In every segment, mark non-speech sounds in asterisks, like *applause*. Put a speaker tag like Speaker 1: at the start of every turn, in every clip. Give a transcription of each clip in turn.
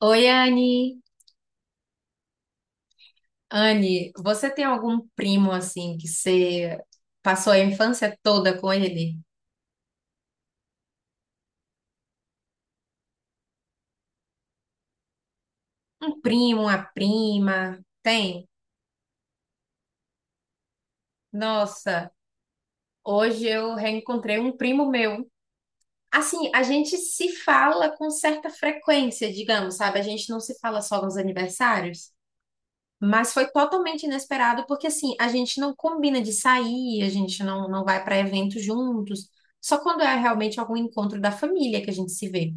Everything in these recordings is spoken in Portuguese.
Speaker 1: Oi, Anne. Anne, você tem algum primo assim que você passou a infância toda com ele? Um primo, uma prima? Tem? Nossa, hoje eu reencontrei um primo meu. Assim, a gente se fala com certa frequência, digamos, sabe? A gente não se fala só nos aniversários, mas foi totalmente inesperado porque assim, a gente não combina de sair, a gente não vai para eventos juntos. Só quando é realmente algum encontro da família que a gente se vê.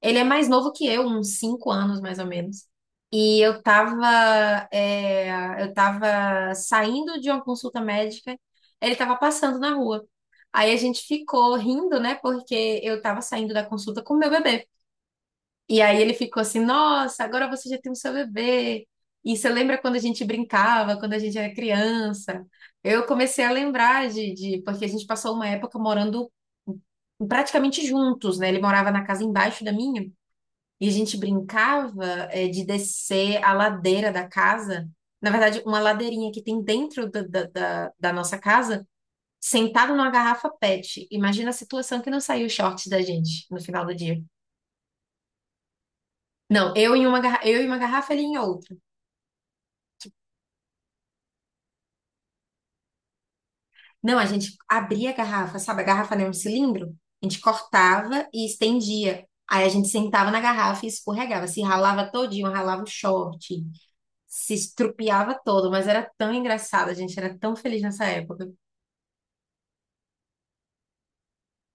Speaker 1: Ele é mais novo que eu, uns 5 anos mais ou menos. E eu tava, eu tava saindo de uma consulta médica, ele tava passando na rua. Aí a gente ficou rindo, né? Porque eu tava saindo da consulta com o meu bebê. E aí ele ficou assim: Nossa, agora você já tem o seu bebê. E você lembra quando a gente brincava, quando a gente era criança? Eu comecei a lembrar porque a gente passou uma época morando praticamente juntos, né? Ele morava na casa embaixo da minha. E a gente brincava, de descer a ladeira da casa. Na verdade, uma ladeirinha que tem dentro da nossa casa, sentado numa garrafa PET. Imagina a situação que não saiu o shorts da gente no final do dia. Não, eu em uma garrafa, ele em outra. Não, a gente abria a garrafa, sabe? A garrafa não é um cilindro. A gente cortava e estendia. Aí a gente sentava na garrafa e escorregava. Se ralava todinho, ralava o short. Se estrupiava todo, mas era tão engraçado, a gente era tão feliz nessa época.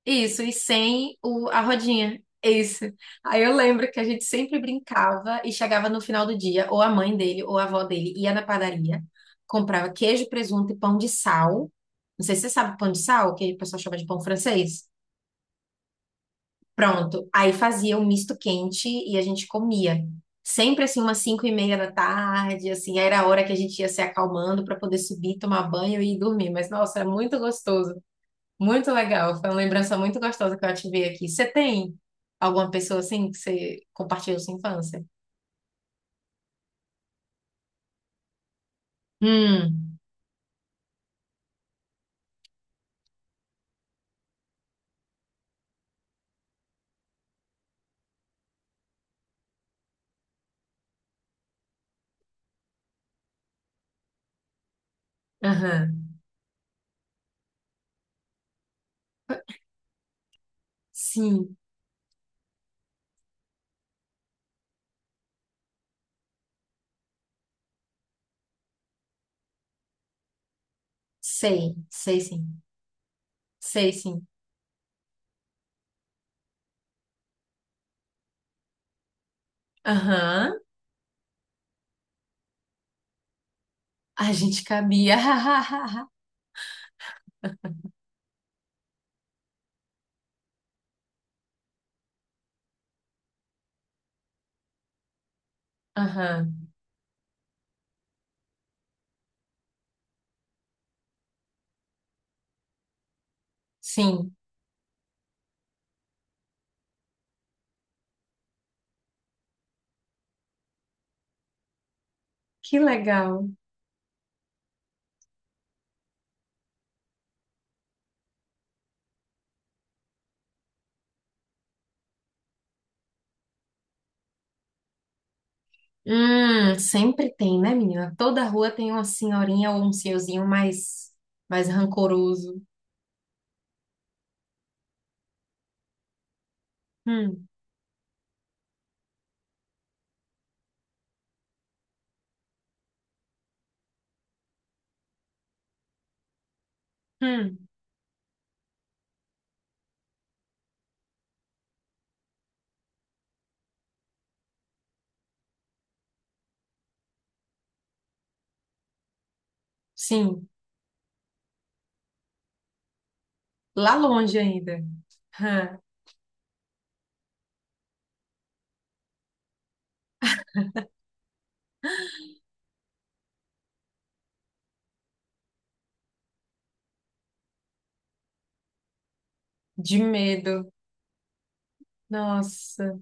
Speaker 1: Isso, e sem a rodinha. Isso. Aí eu lembro que a gente sempre brincava e chegava no final do dia, ou a mãe dele, ou a avó dele ia na padaria, comprava queijo, presunto e pão de sal. Não sei se você sabe pão de sal, que o pessoal chama de pão francês. Pronto. Aí fazia o misto quente e a gente comia. Sempre assim, umas 5h30 da tarde, assim, era a hora que a gente ia se acalmando para poder subir, tomar banho e ir dormir. Mas, nossa, era muito gostoso, muito legal. Foi uma lembrança muito gostosa que eu ativei aqui. Você tem alguma pessoa assim que você compartilhou sua infância? Hum, aham. Sim, sei, sei sim. Sei sim. Aham. A gente cabia. *laughs* Aham. Sim. Que legal. Sempre tem, né, menina? Toda rua tem uma senhorinha ou um senhorzinho mais rancoroso. Hum, hum, sim. Lá longe ainda. Hã, de medo. Nossa.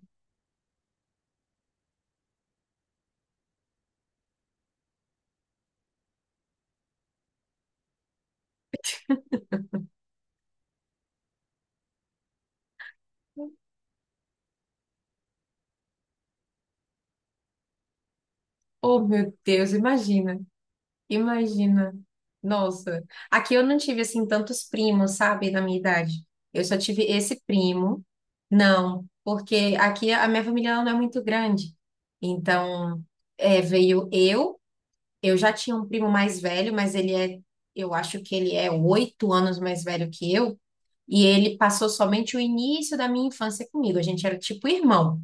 Speaker 1: Oh, meu Deus, imagina. Imagina. Nossa. Aqui eu não tive, assim, tantos primos, sabe, na minha idade. Eu só tive esse primo. Não, porque aqui a minha família ela não é muito grande. Então, veio eu. Eu já tinha um primo mais velho, mas eu acho que ele é 8 anos mais velho que eu, e ele passou somente o início da minha infância comigo. A gente era tipo irmão.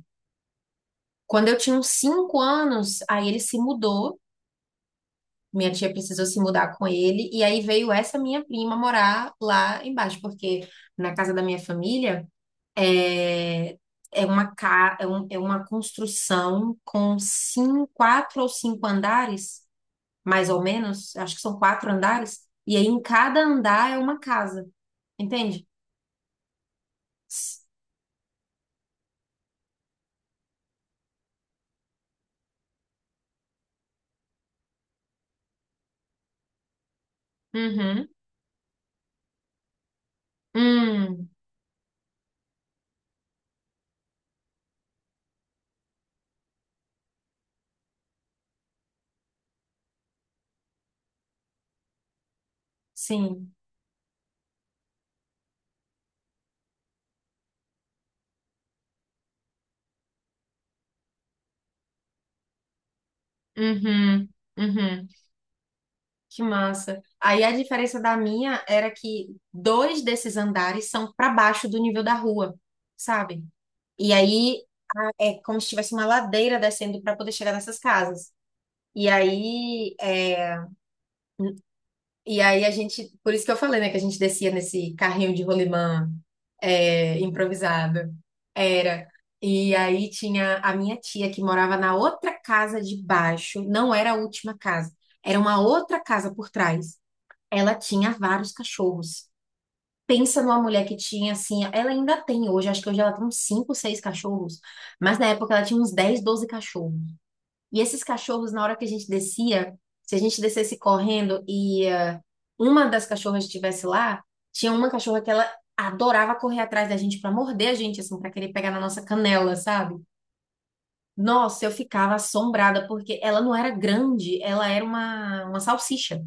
Speaker 1: Quando eu tinha uns 5 anos, aí ele se mudou, minha tia precisou se mudar com ele, e aí veio essa minha prima morar lá embaixo, porque na casa da minha família é, é uma, ca- é um- é uma construção com quatro ou cinco andares. Mais ou menos, acho que são quatro andares, e aí em cada andar é uma casa, entende? S- Uhum. Hum, sim. Uhum. Uhum. Que massa. Aí a diferença da minha era que dois desses andares são para baixo do nível da rua, sabe? E aí é como se tivesse uma ladeira descendo para poder chegar nessas casas. E aí, é, e aí a gente, por isso que eu falei, né, que a gente descia nesse carrinho de rolimã é, improvisado. Era. E aí tinha a minha tia que morava na outra casa de baixo, não era a última casa, era uma outra casa por trás. Ela tinha vários cachorros. Pensa numa mulher que tinha assim, ela ainda tem hoje, acho que hoje ela tem uns 5, 6 cachorros, mas na época ela tinha uns 10, 12 cachorros. E esses cachorros, na hora que a gente descia, se a gente descesse correndo e uma das cachorras estivesse lá, tinha uma cachorra que ela adorava correr atrás da gente pra morder a gente, assim, pra querer pegar na nossa canela, sabe? Nossa, eu ficava assombrada, porque ela não era grande, ela era uma salsicha,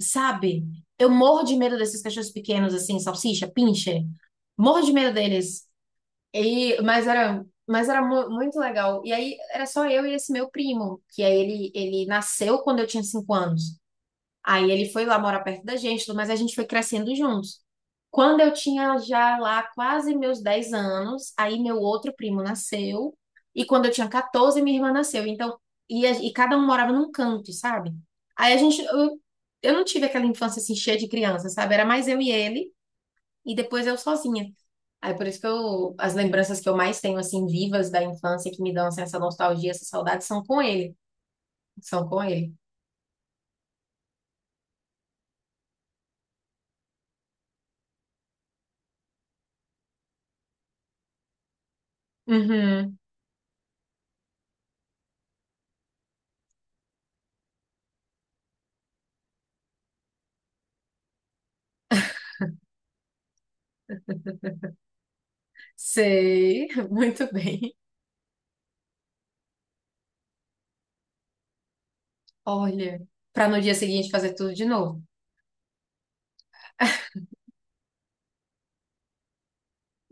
Speaker 1: sabe? Eu morro de medo desses cachorros pequenos, assim, salsicha, pincher. Morro de medo deles. Muito legal. E aí era só eu e esse meu primo, que aí ele nasceu quando eu tinha 5 anos. Aí ele foi lá morar perto da gente, mas a gente foi crescendo juntos. Quando eu tinha já lá quase meus 10 anos, aí meu outro primo nasceu. E quando eu tinha 14, minha irmã nasceu. Então, e cada um morava num canto, sabe? Aí eu não tive aquela infância assim cheia de criança, sabe? Era mais eu e ele e depois eu sozinha. Aí por isso que as lembranças que eu mais tenho, assim, vivas da infância, que me dão assim, essa nostalgia, essa saudade, são com ele. São com ele. Uhum, sei, *laughs* muito bem. Olha, para no dia seguinte fazer tudo de novo.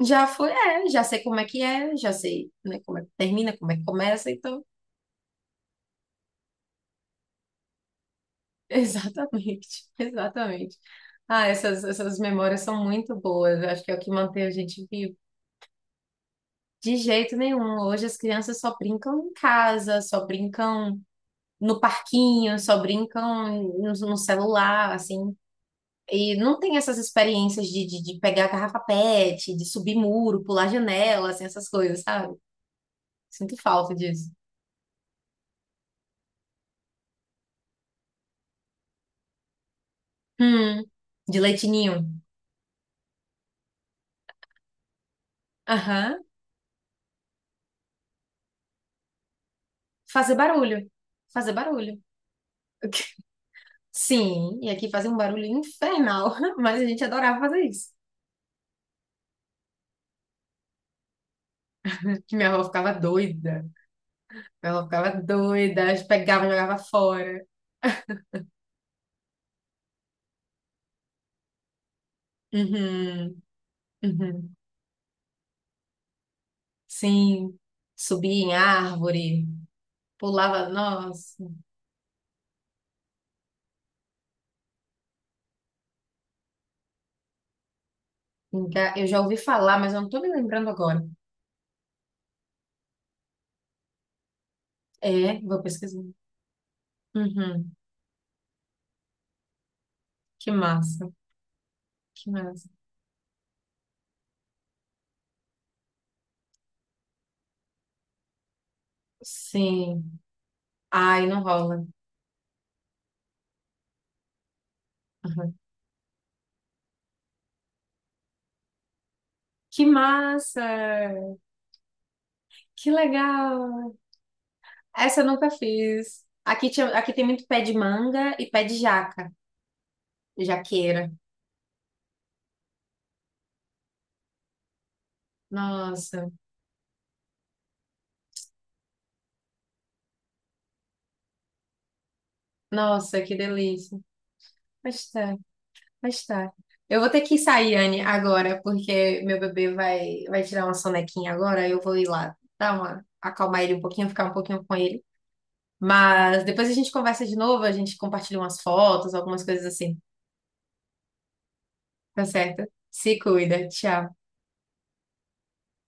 Speaker 1: Já foi, já sei como é que é, já sei, né, como é que termina, como é que começa, então, *laughs* exatamente, exatamente. Ah, essas memórias são muito boas, eu acho que é o que mantém a gente vivo. De jeito nenhum. Hoje as crianças só brincam em casa, só brincam no parquinho, só brincam no celular, assim. E não tem essas experiências de pegar garrafa PET, de subir muro, pular janela, assim, essas coisas, sabe? Sinto falta disso. Hum, de leitinho. Aham. Fazer barulho. Fazer barulho. *laughs* Sim, e aqui fazia um barulho infernal, *laughs* mas a gente adorava fazer isso. Que minha avó ficava doida. Ela ficava doida, pegava e jogava fora. Uhum, uhum. Sim, subia em árvore, pulava, nossa. Eu já ouvi falar, mas eu não tô me lembrando agora. É, vou pesquisar. Uhum, que massa, que massa. Sim. Ai, não rola. Uhum. Que massa! Que legal! Essa eu nunca fiz. Aqui tem muito pé de manga e pé de jaca, jaqueira. Nossa, nossa, que delícia. Mas tá. Mas tá. Eu vou ter que sair, Anne, agora, porque meu bebê vai tirar uma sonequinha agora. Eu vou ir lá dar acalmar ele um pouquinho, ficar um pouquinho com ele. Mas depois a gente conversa de novo, a gente compartilha umas fotos, algumas coisas assim. Tá certo? Se cuida. Tchau.